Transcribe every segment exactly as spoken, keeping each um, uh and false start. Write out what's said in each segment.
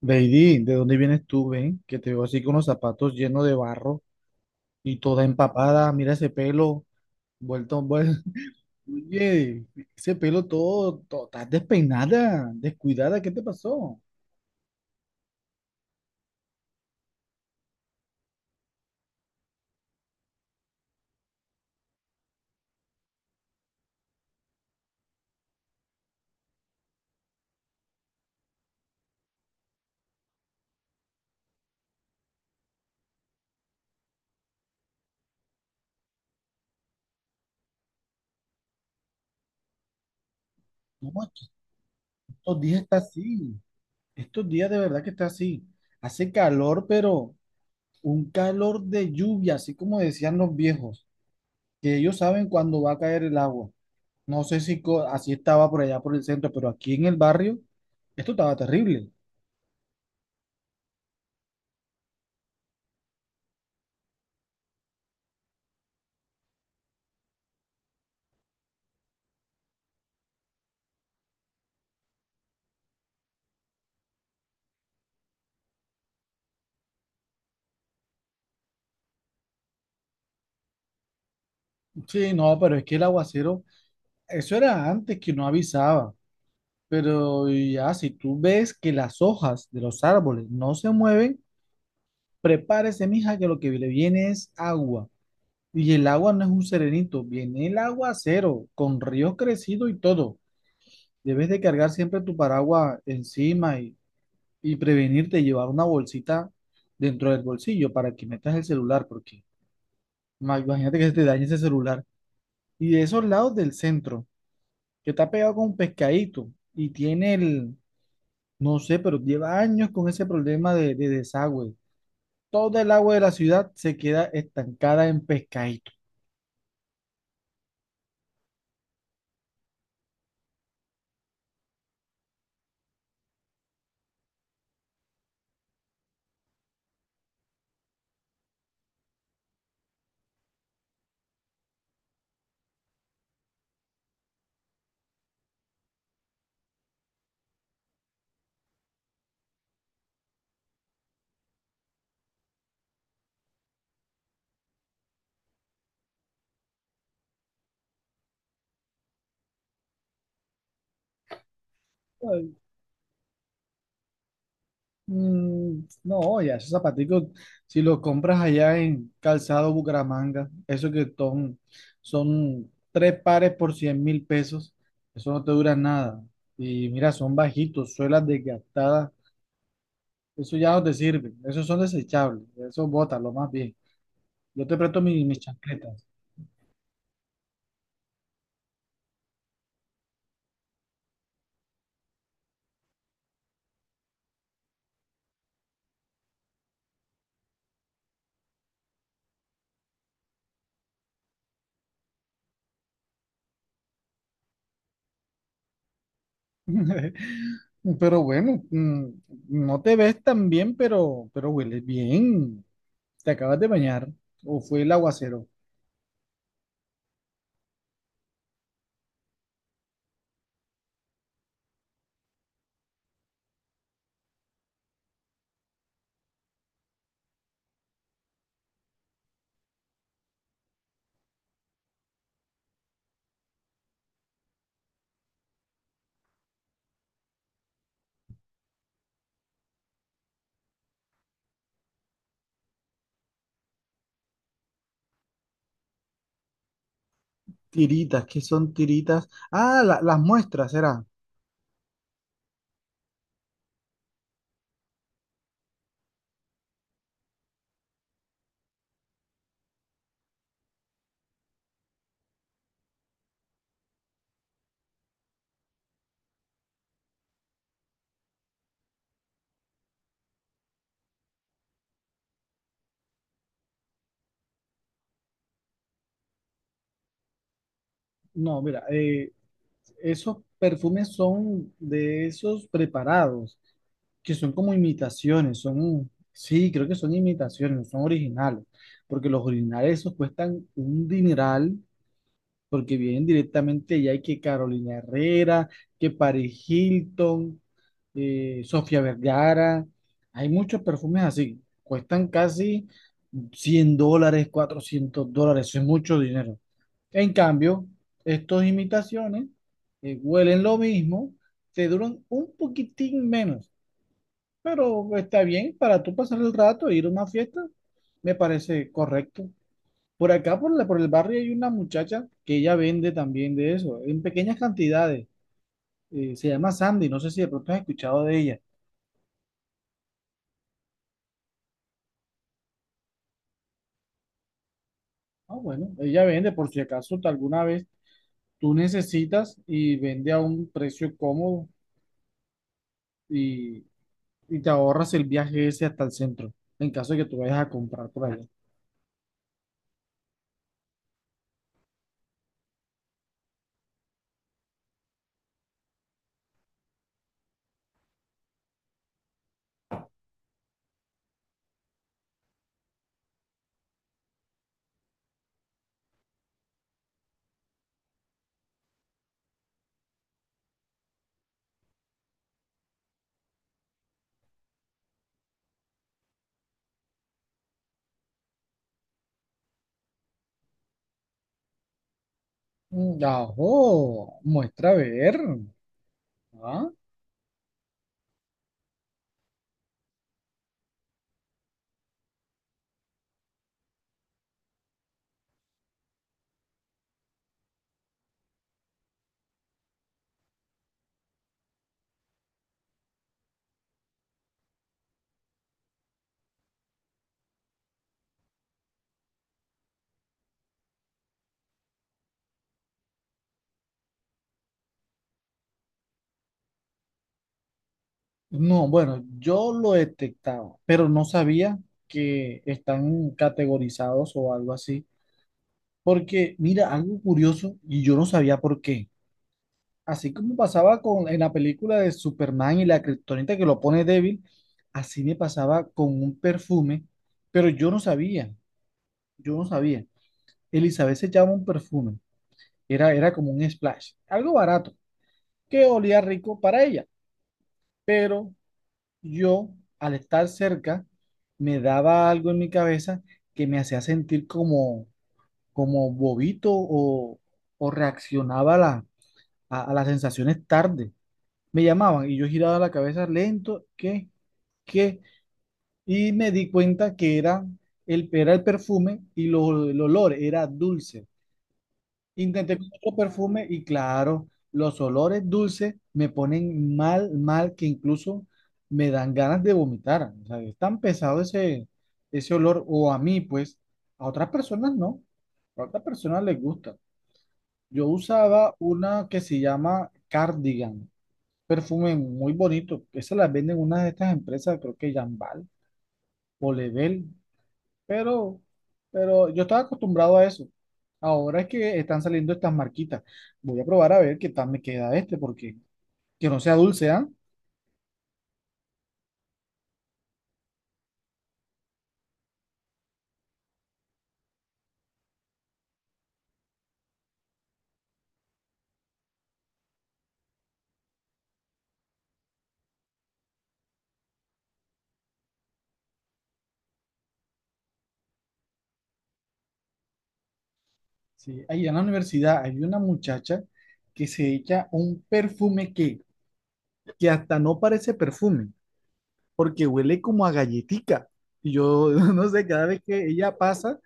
Lady, ¿de dónde vienes tú, ven? Que te veo así con los zapatos llenos de barro y toda empapada. Mira ese pelo, vuelto, vuelto. Oye, ese pelo todo, todo, estás despeinada, descuidada, ¿qué te pasó? No, es que estos días está así. Estos días de verdad que está así. Hace calor, pero un calor de lluvia, así como decían los viejos, que ellos saben cuándo va a caer el agua. No sé si co- así estaba por allá por el centro, pero aquí en el barrio, esto estaba terrible. Sí, no, pero es que el aguacero, eso era antes que no avisaba, pero ya si tú ves que las hojas de los árboles no se mueven, prepárese, mija, que lo que le viene es agua. Y el agua no es un serenito, viene el aguacero, con ríos crecidos y todo. Debes de cargar siempre tu paraguas encima y, y prevenirte llevar una bolsita dentro del bolsillo para que metas el celular, porque ma- imagínate que se te dañe ese celular. Y de esos lados del centro, que está pegado con un pescadito y tiene el, no sé, pero lleva años con ese problema de, de desagüe. Todo el agua de la ciudad se queda estancada en pescadito. Ay, mm, no, ya esos zapaticos, si los compras allá en Calzado Bucaramanga, eso que son, son tres pares por cien mil pesos, eso no te dura nada. Y mira, son bajitos, suelas desgastadas, eso ya no te sirve, esos son desechables, eso bótalo más bien. Yo te presto mi- mis chancletas. Pero bueno, mm, no te ves tan bien, pero, pero hueles bien. ¿Te acabas de bañar? ¿O fue el aguacero? Tiritas, ¿qué son tiritas? Ah, la- las muestras, ¿será? No, mira, eh, esos perfumes son de esos preparados, que son como imitaciones, son, sí, creo que son imitaciones, no son originales, porque los originales esos cuestan un dineral porque vienen directamente ya hay que Carolina Herrera, que Paris Hilton, eh, Sofía Vergara, hay muchos perfumes así, cuestan casi cien dólares, cuatrocientos dólares, eso es mucho dinero. En cambio, estos imitaciones eh, huelen lo mismo, te duran un poquitín menos, pero está bien para tú pasar el rato e ir a una fiesta, me parece correcto. Por acá, por la, por el barrio, hay una muchacha que ella vende también de eso, en pequeñas cantidades. Eh, se llama Sandy, no sé si de pronto has escuchado de ella. Ah, bueno, ella vende por si acaso tú alguna vez tú necesitas y vende a un precio cómodo y, y te ahorras el viaje ese hasta el centro, en caso de que tú vayas a comprar por allá. Mm, ajo, muestra a ver. Ah, no, bueno, yo lo detectaba, pero no sabía que están categorizados o algo así. Porque, mira, algo curioso, y yo no sabía por qué. Así como pasaba con, en la película de Superman y la kriptonita que lo pone débil, así me pasaba con un perfume, pero yo no sabía, yo no sabía. Elizabeth se llama un perfume, era, era como un splash, algo barato, que olía rico para ella, pero yo, al estar cerca, me daba algo en mi cabeza que me hacía sentir como, como bobito o, o reaccionaba a la a, a las sensaciones tarde. Me llamaban y yo giraba la cabeza lento, ¿qué? ¿Qué? Y me di cuenta que era el, era el perfume y lo- el olor era dulce. Intenté con otro perfume y claro, los olores dulces me ponen mal, mal, que incluso me dan ganas de vomitar. O sea, es tan pesado ese, ese olor, o a mí, pues, a otras personas no. A otras personas les gusta. Yo usaba una que se llama cardigan. Perfume muy bonito. Esas las venden unas de estas empresas, creo que Jambal o Level, pero, pero yo estaba acostumbrado a eso. Ahora es que están saliendo estas marquitas. Voy a probar a ver qué tal me queda este, porque que no sea dulce, ¿ah? Sí, ahí en la universidad hay una muchacha que se echa un perfume que, que hasta no parece perfume, porque huele como a galletica. Y yo no sé, cada vez que ella pasa,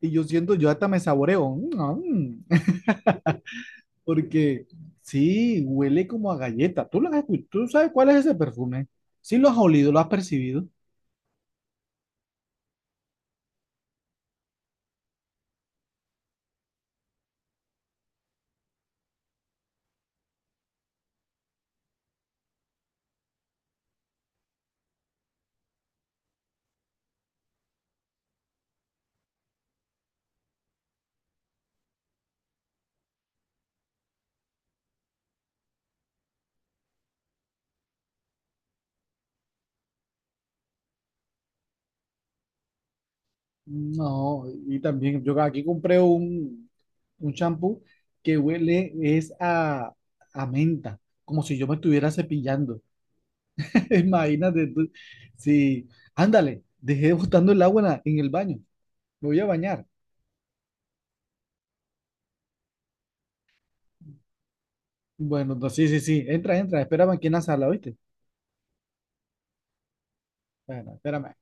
y yo siento, yo hasta me saboreo. Mm, ah, mm. Porque sí, huele como a galleta. ¿Tú, lo has escu- ¿Tú sabes cuál es ese perfume? Sí, lo has olido, lo has percibido. No, y también yo aquí compré un, un champú que huele es a, a menta, como si yo me estuviera cepillando. Imagínate tú. Sí, ándale, dejé botando el agua en, la- en el baño. Me voy a bañar. Bueno, no, sí, sí, sí. Entra, entra, espérame aquí en la sala, ¿oíste? Bueno, espérame.